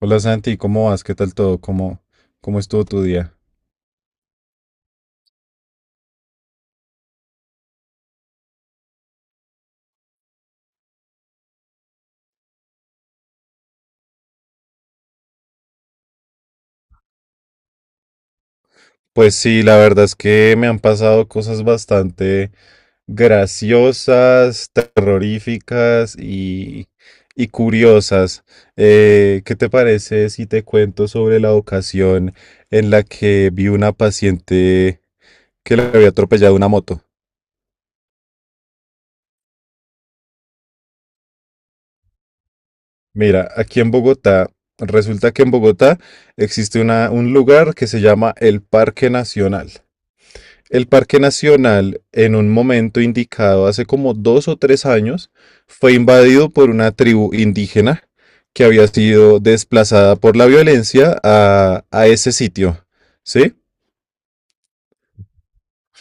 Hola Santi, ¿cómo vas? ¿Qué tal todo? ¿Cómo estuvo tu día? Pues sí, la verdad es que me han pasado cosas bastante graciosas, terroríficas y curiosas. ¿Qué te parece si te cuento sobre la ocasión en la que vi una paciente que le había atropellado una moto? Mira, aquí en Bogotá, resulta que en Bogotá existe un lugar que se llama el Parque Nacional. El Parque Nacional, en un momento indicado hace como 2 o 3 años, fue invadido por una tribu indígena que había sido desplazada por la violencia a ese sitio, ¿sí?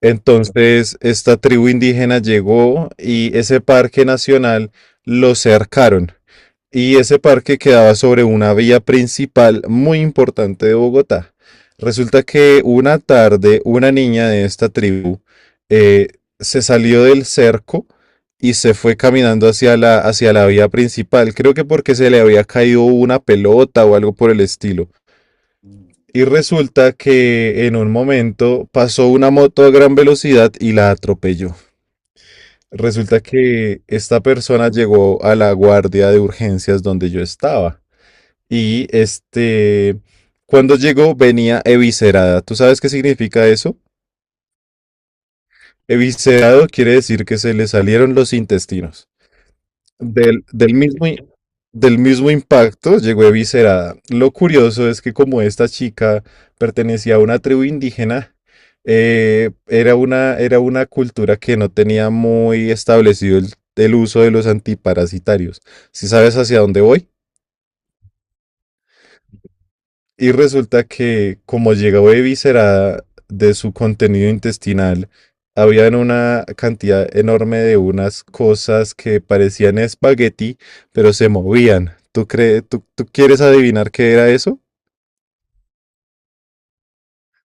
Entonces, esta tribu indígena llegó y ese Parque Nacional lo cercaron. Y ese parque quedaba sobre una vía principal muy importante de Bogotá. Resulta que una tarde una niña de esta tribu eh, se salió del cerco y se fue caminando hacia la vía principal. Creo que porque se le había caído una pelota o algo por el estilo. Y resulta que en un momento pasó una moto a gran velocidad y la atropelló. Resulta que esta persona llegó a la guardia de urgencias donde yo estaba. Y este, cuando llegó venía eviscerada. ¿Tú sabes qué significa eso? Eviscerado quiere decir que se le salieron los intestinos. Del mismo impacto llegó eviscerada. Lo curioso es que como esta chica pertenecía a una tribu indígena, era una cultura que no tenía muy establecido el uso de los antiparasitarios. ¿Si sabes hacia dónde voy? Y resulta que como llegó eviscerada de su contenido intestinal, habían una cantidad enorme de unas cosas que parecían espagueti, pero se movían. ¿Tú crees, tú quieres adivinar qué era eso?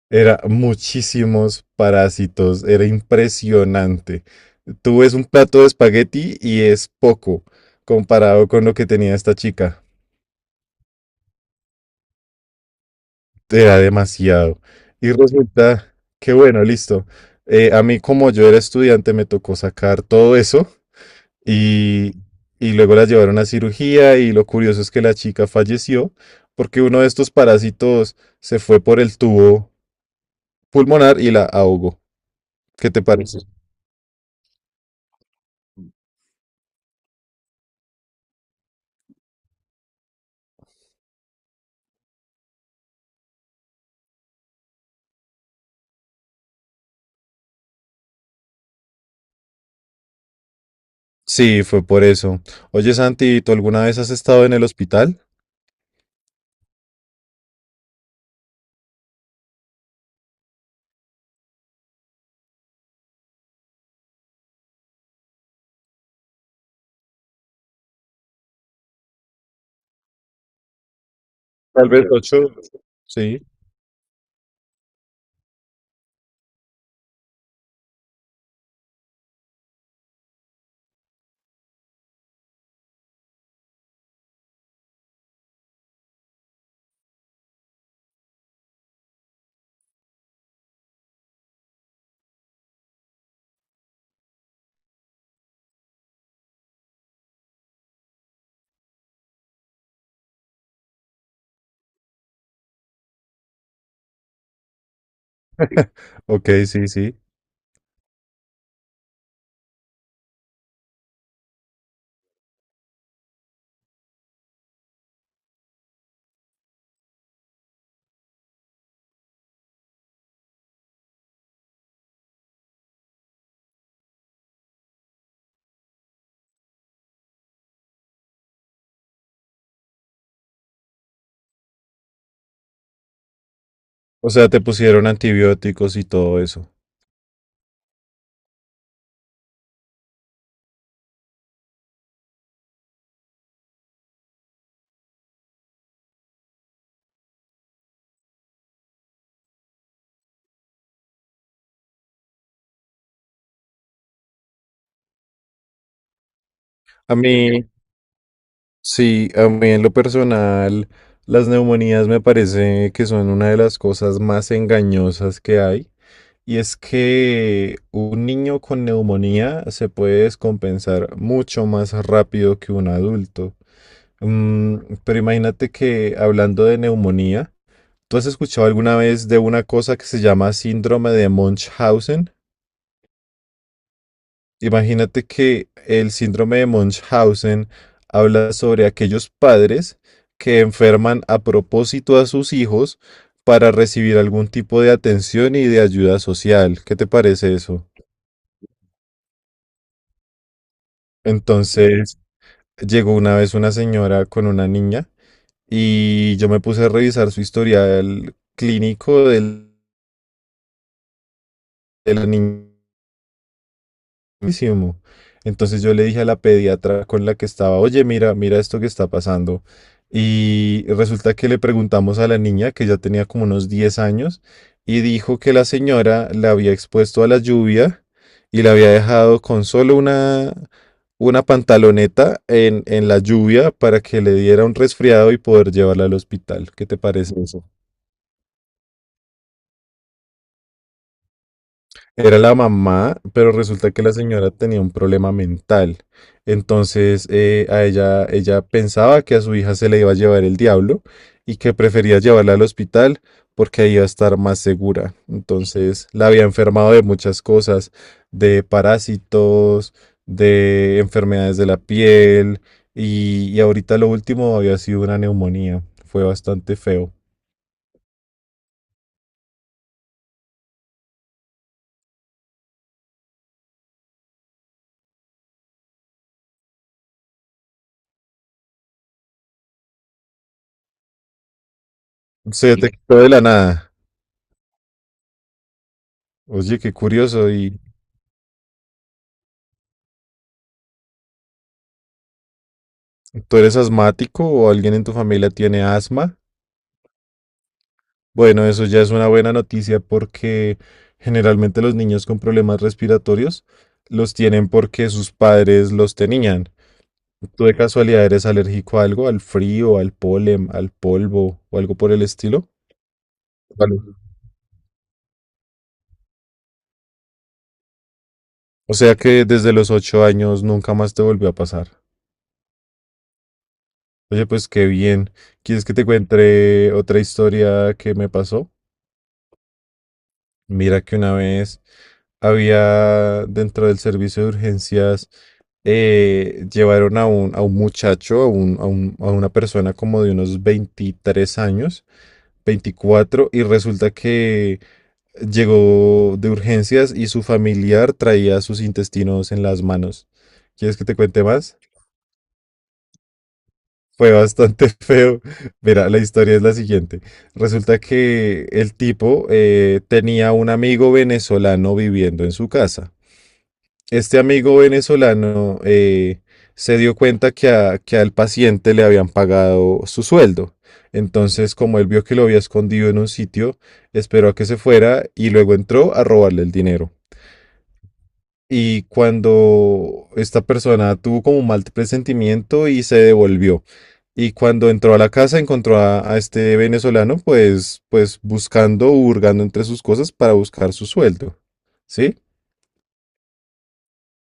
Era muchísimos parásitos, era impresionante. Tú ves un plato de espagueti y es poco comparado con lo que tenía esta chica. Era demasiado. Y resulta que, bueno, listo. A mí, como yo era estudiante, me tocó sacar todo eso y, y luego la llevaron a cirugía y lo curioso es que la chica falleció porque uno de estos parásitos se fue por el tubo pulmonar y la ahogó. ¿Qué te parece? Sí, fue por eso. Oye, Santi, ¿tú alguna vez has estado en el hospital? Tal vez ocho. Sí. Ok, sí, sí. O sea, te pusieron antibióticos y todo eso. A mí, sí, a mí en lo personal, las neumonías me parece que son una de las cosas más engañosas que hay. Y es que un niño con neumonía se puede descompensar mucho más rápido que un adulto. Mm, pero imagínate que hablando de neumonía, ¿tú has escuchado alguna vez de una cosa que se llama síndrome de Munchausen? Imagínate que el síndrome de Munchausen habla sobre aquellos padres que enferman a propósito a sus hijos para recibir algún tipo de atención y de ayuda social. ¿Qué te parece eso? Entonces, llegó una vez una señora con una niña y yo me puse a revisar su historial clínico de la niña. Buenísimo. Entonces yo le dije a la pediatra con la que estaba, oye, mira, mira esto que está pasando. Y resulta que le preguntamos a la niña, que ya tenía como unos 10 años, y dijo que la señora la había expuesto a la lluvia y la había dejado con solo una pantaloneta en la lluvia para que le diera un resfriado y poder llevarla al hospital. ¿Qué te parece eso? Era la mamá, pero resulta que la señora tenía un problema mental. Entonces, ella pensaba que a su hija se le iba a llevar el diablo y que prefería llevarla al hospital porque ahí iba a estar más segura. Entonces, la había enfermado de muchas cosas, de parásitos, de enfermedades de la piel y ahorita lo último había sido una neumonía. Fue bastante feo. Se detectó de la nada. Oye, qué curioso. Y, ¿tú eres asmático o alguien en tu familia tiene asma? Bueno, eso ya es una buena noticia porque generalmente los niños con problemas respiratorios los tienen porque sus padres los tenían. ¿Tú de casualidad eres alérgico a algo, al frío, al polen, al polvo o algo por el estilo? Vale. O sea que desde los 8 años nunca más te volvió a pasar. Oye, pues qué bien. ¿Quieres que te cuente otra historia que me pasó? Mira que una vez había dentro del servicio de urgencias, llevaron a un muchacho, a una persona como de unos 23 años, 24 y resulta que llegó de urgencias y su familiar traía sus intestinos en las manos. ¿Quieres que te cuente más? Fue bastante feo. Mira, la historia es la siguiente. Resulta que el tipo tenía un amigo venezolano viviendo en su casa. Este amigo venezolano se dio cuenta que, al paciente le habían pagado su sueldo. Entonces, como él vio que lo había escondido en un sitio, esperó a que se fuera y luego entró a robarle el dinero. Y cuando esta persona tuvo como un mal presentimiento y se devolvió. Y cuando entró a la casa encontró a este venezolano pues, pues buscando, hurgando entre sus cosas para buscar su sueldo. ¿Sí?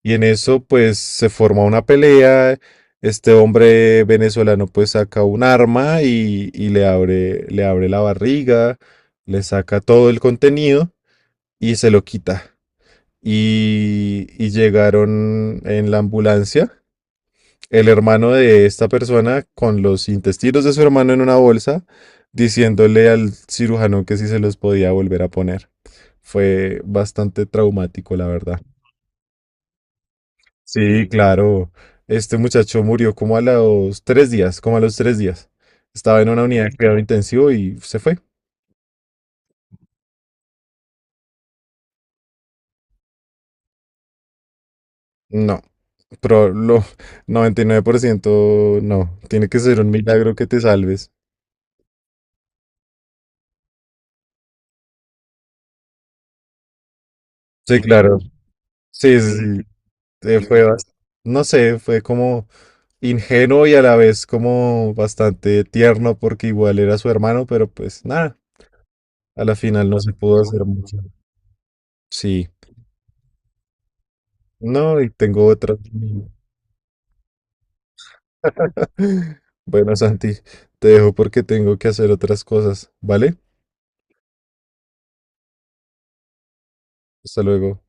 Y en eso, pues, se forma una pelea. Este hombre venezolano, pues, saca un arma y le abre la barriga, le saca todo el contenido y se lo quita. Y llegaron en la ambulancia el hermano de esta persona con los intestinos de su hermano en una bolsa, diciéndole al cirujano que si se los podía volver a poner. Fue bastante traumático, la verdad. Sí, claro. Este muchacho murió como a los 3 días, como a los tres días. Estaba en una unidad de cuidado intensivo y se fue. No, pero lo 99% no. Tiene que ser un milagro que te salves. Sí, claro. Sí, sí, sí. eh, fue bas- no sé, fue como ingenuo y a la vez como bastante tierno porque igual era su hermano, pero pues nada, a la final no se pudo hacer mucho. Sí. No, y tengo otras. Bueno, Santi, te dejo porque tengo que hacer otras cosas, ¿vale? Hasta luego.